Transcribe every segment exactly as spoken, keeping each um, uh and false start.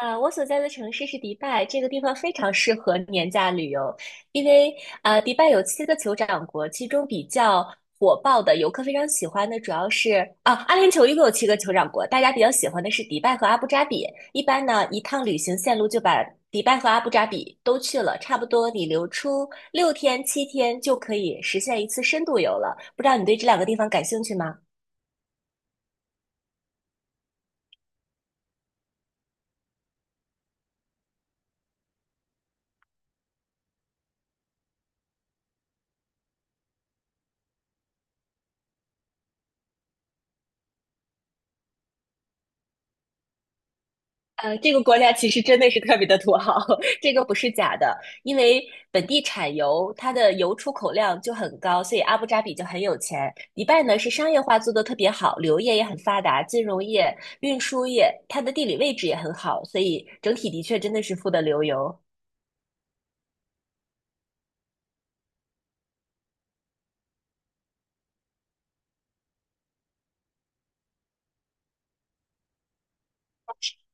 呃，我所在的城市是迪拜，这个地方非常适合年假旅游，因为呃，迪拜有七个酋长国，其中比较火爆的游客非常喜欢的主要是啊，阿联酋一共有七个酋长国，大家比较喜欢的是迪拜和阿布扎比。一般呢，一趟旅行线路就把迪拜和阿布扎比都去了，差不多你留出六天七天就可以实现一次深度游了。不知道你对这两个地方感兴趣吗？呃，这个国家其实真的是特别的土豪，这个不是假的，因为本地产油，它的油出口量就很高，所以阿布扎比就很有钱。迪拜呢是商业化做得特别好，旅游业也很发达，金融业、运输业，它的地理位置也很好，所以整体的确真的是富得流油。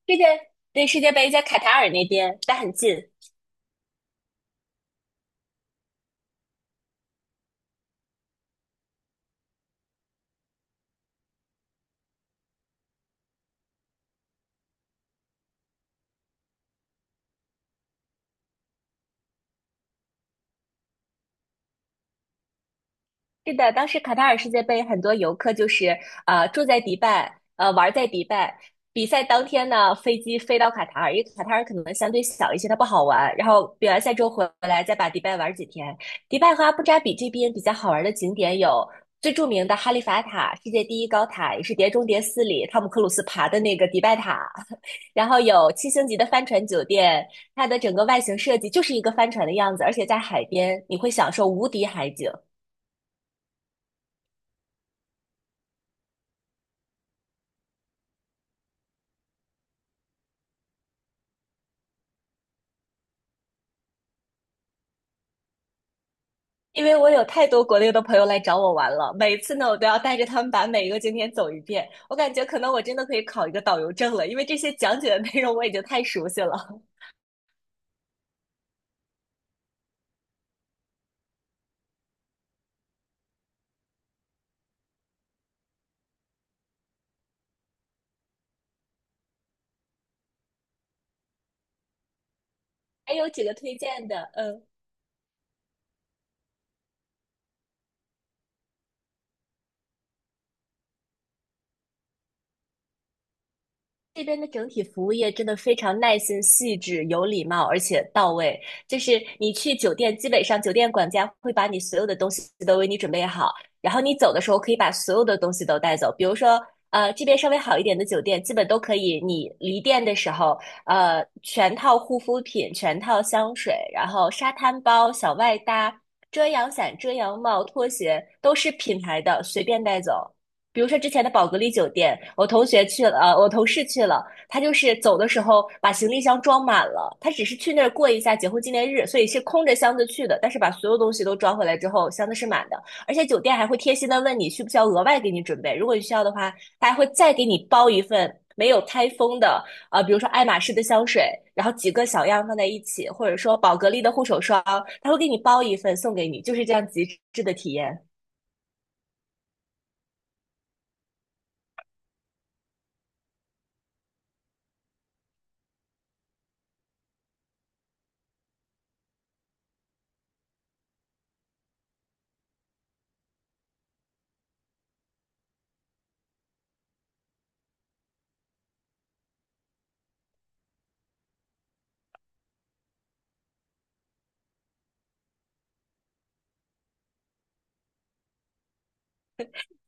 世界对，世界杯在卡塔尔那边，但很近。是的，当时卡塔尔世界杯，很多游客就是呃住在迪拜，呃玩在迪拜。比赛当天呢，飞机飞到卡塔尔，因为卡塔尔可能相对小一些，它不好玩。然后比完赛之后回来，再把迪拜玩几天。迪拜和阿布扎比这边比较好玩的景点有最著名的哈利法塔，世界第一高塔，也是《碟中谍四》里汤姆克鲁斯爬的那个迪拜塔。然后有七星级的帆船酒店，它的整个外形设计就是一个帆船的样子，而且在海边，你会享受无敌海景。因为我有太多国内的朋友来找我玩了，每次呢，我都要带着他们把每一个景点走一遍。我感觉可能我真的可以考一个导游证了，因为这些讲解的内容我已经太熟悉了。还有几个推荐的，嗯。这边的整体服务业真的非常耐心、细致、有礼貌，而且到位。就是你去酒店，基本上酒店管家会把你所有的东西都为你准备好，然后你走的时候可以把所有的东西都带走。比如说，呃，这边稍微好一点的酒店，基本都可以，你离店的时候，呃，全套护肤品、全套香水，然后沙滩包、小外搭、遮阳伞、遮阳帽、拖鞋都是品牌的，随便带走。比如说之前的宝格丽酒店，我同学去了，呃，我同事去了，他就是走的时候把行李箱装满了，他只是去那儿过一下结婚纪念日，所以是空着箱子去的，但是把所有东西都装回来之后，箱子是满的，而且酒店还会贴心的问你需不需要额外给你准备，如果你需要的话，他还会再给你包一份没有开封的，呃，比如说爱马仕的香水，然后几个小样放在一起，或者说宝格丽的护手霜，他会给你包一份送给你，就是这样极致的体验。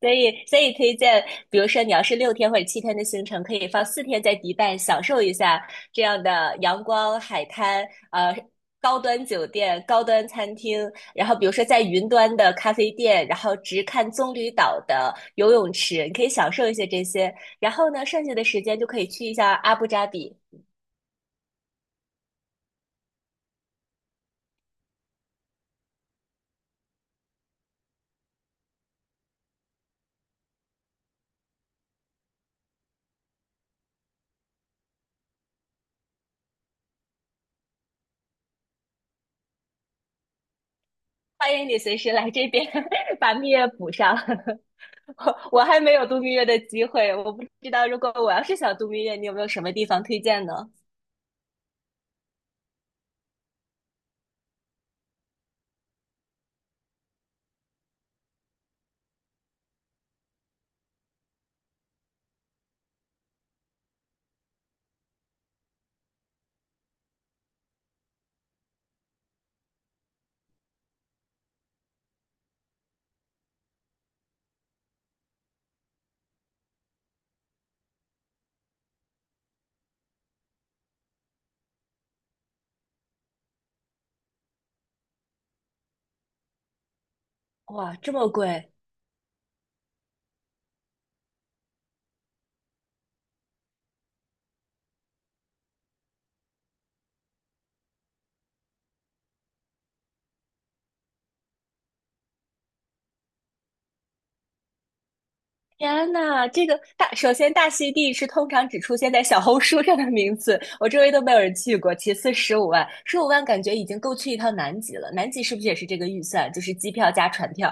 所以，所以推荐，比如说你要是六天或者七天的行程，可以放四天在迪拜享受一下这样的阳光、海滩，呃，高端酒店、高端餐厅，然后比如说在云端的咖啡店，然后直看棕榈岛的游泳池，你可以享受一些这些。然后呢，剩下的时间就可以去一下阿布扎比。欢迎你随时来这边 把蜜月补上。我我还没有度蜜月的机会，我不知道如果我要是想度蜜月，你有没有什么地方推荐呢？哇，这么贵！天呐，这个大，首先大溪地是通常只出现在小红书上的名字，我周围都没有人去过。其次，十五万，十五万感觉已经够去一趟南极了。南极是不是也是这个预算，就是机票加船票？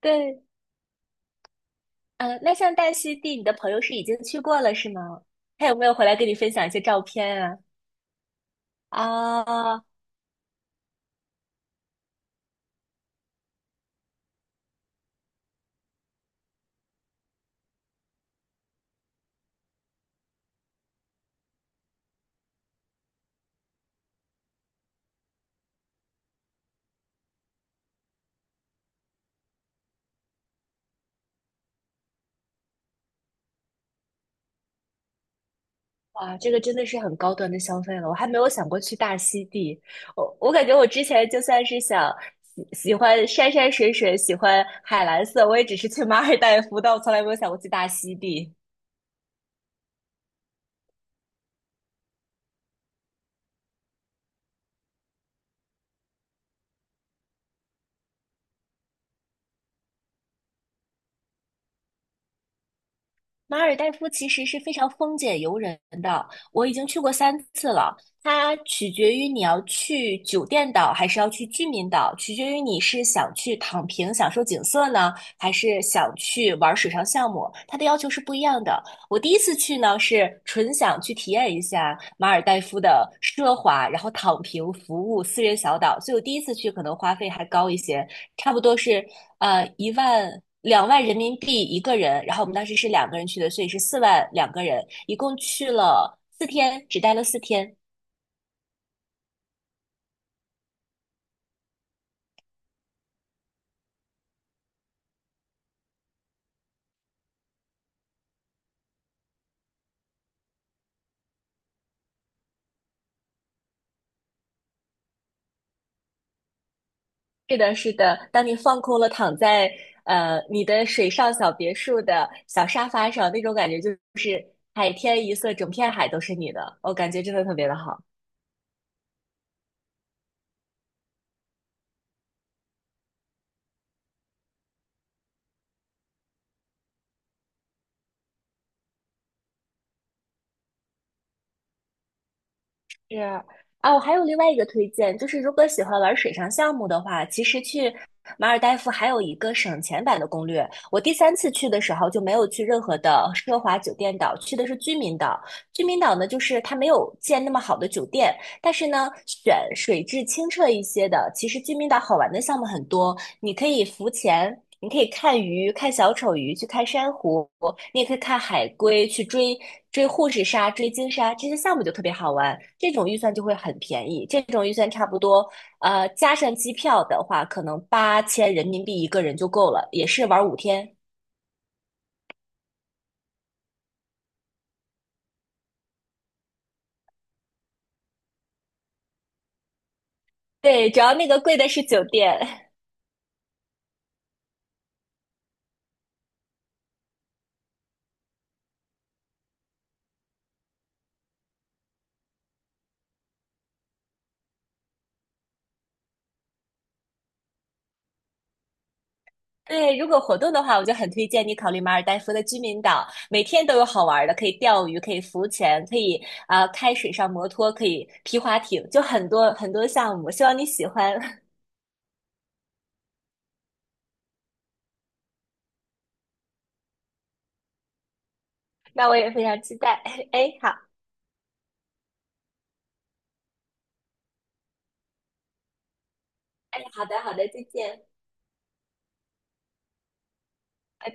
对，呃，那像大溪地，你的朋友是已经去过了是吗？他有没有回来跟你分享一些照片啊？啊，哇，这个真的是很高端的消费了，我还没有想过去大溪地。我我感觉我之前就算是想喜喜欢山山水水，喜欢海蓝色，我也只是去马尔代夫，但我从来没有想过去大溪地。马尔代夫其实是非常风解游人的，我已经去过三次了。它取决于你要去酒店岛还是要去居民岛，取决于你是想去躺平享受景色呢，还是想去玩水上项目，它的要求是不一样的。我第一次去呢是纯想去体验一下马尔代夫的奢华，然后躺平服务私人小岛，所以我第一次去可能花费还高一些。差不多是呃一万两万人民币一个人，然后我们当时是两个人去的，所以是四万两个人，一共去了四天，只待了四天。是的，是的，当你放空了，躺在呃你的水上小别墅的小沙发上，那种感觉就是海天一色，整片海都是你的，我感觉真的特别的好。是啊，我还有另外一个推荐，就是如果喜欢玩水上项目的话，其实去马尔代夫还有一个省钱版的攻略。我第三次去的时候就没有去任何的奢华酒店岛，去的是居民岛。居民岛呢，就是它没有建那么好的酒店，但是呢，选水质清澈一些的，其实居民岛好玩的项目很多。你可以浮潜，你可以看鱼、看小丑鱼，去看珊瑚，你也可以看海龟，去追追护士鲨、追鲸鲨，这些项目就特别好玩。这种预算就会很便宜，这种预算差不多，呃，加上机票的话，可能八千人民币一个人就够了，也是玩五天。对，主要那个贵的是酒店。对，如果活动的话，我就很推荐你考虑马尔代夫的居民岛，每天都有好玩的，可以钓鱼，可以浮潜，可以啊、呃开水上摩托，可以皮划艇，就很多很多项目，希望你喜欢。那我也非常期待。哎，好，哎，好的，好的，再见，拜拜。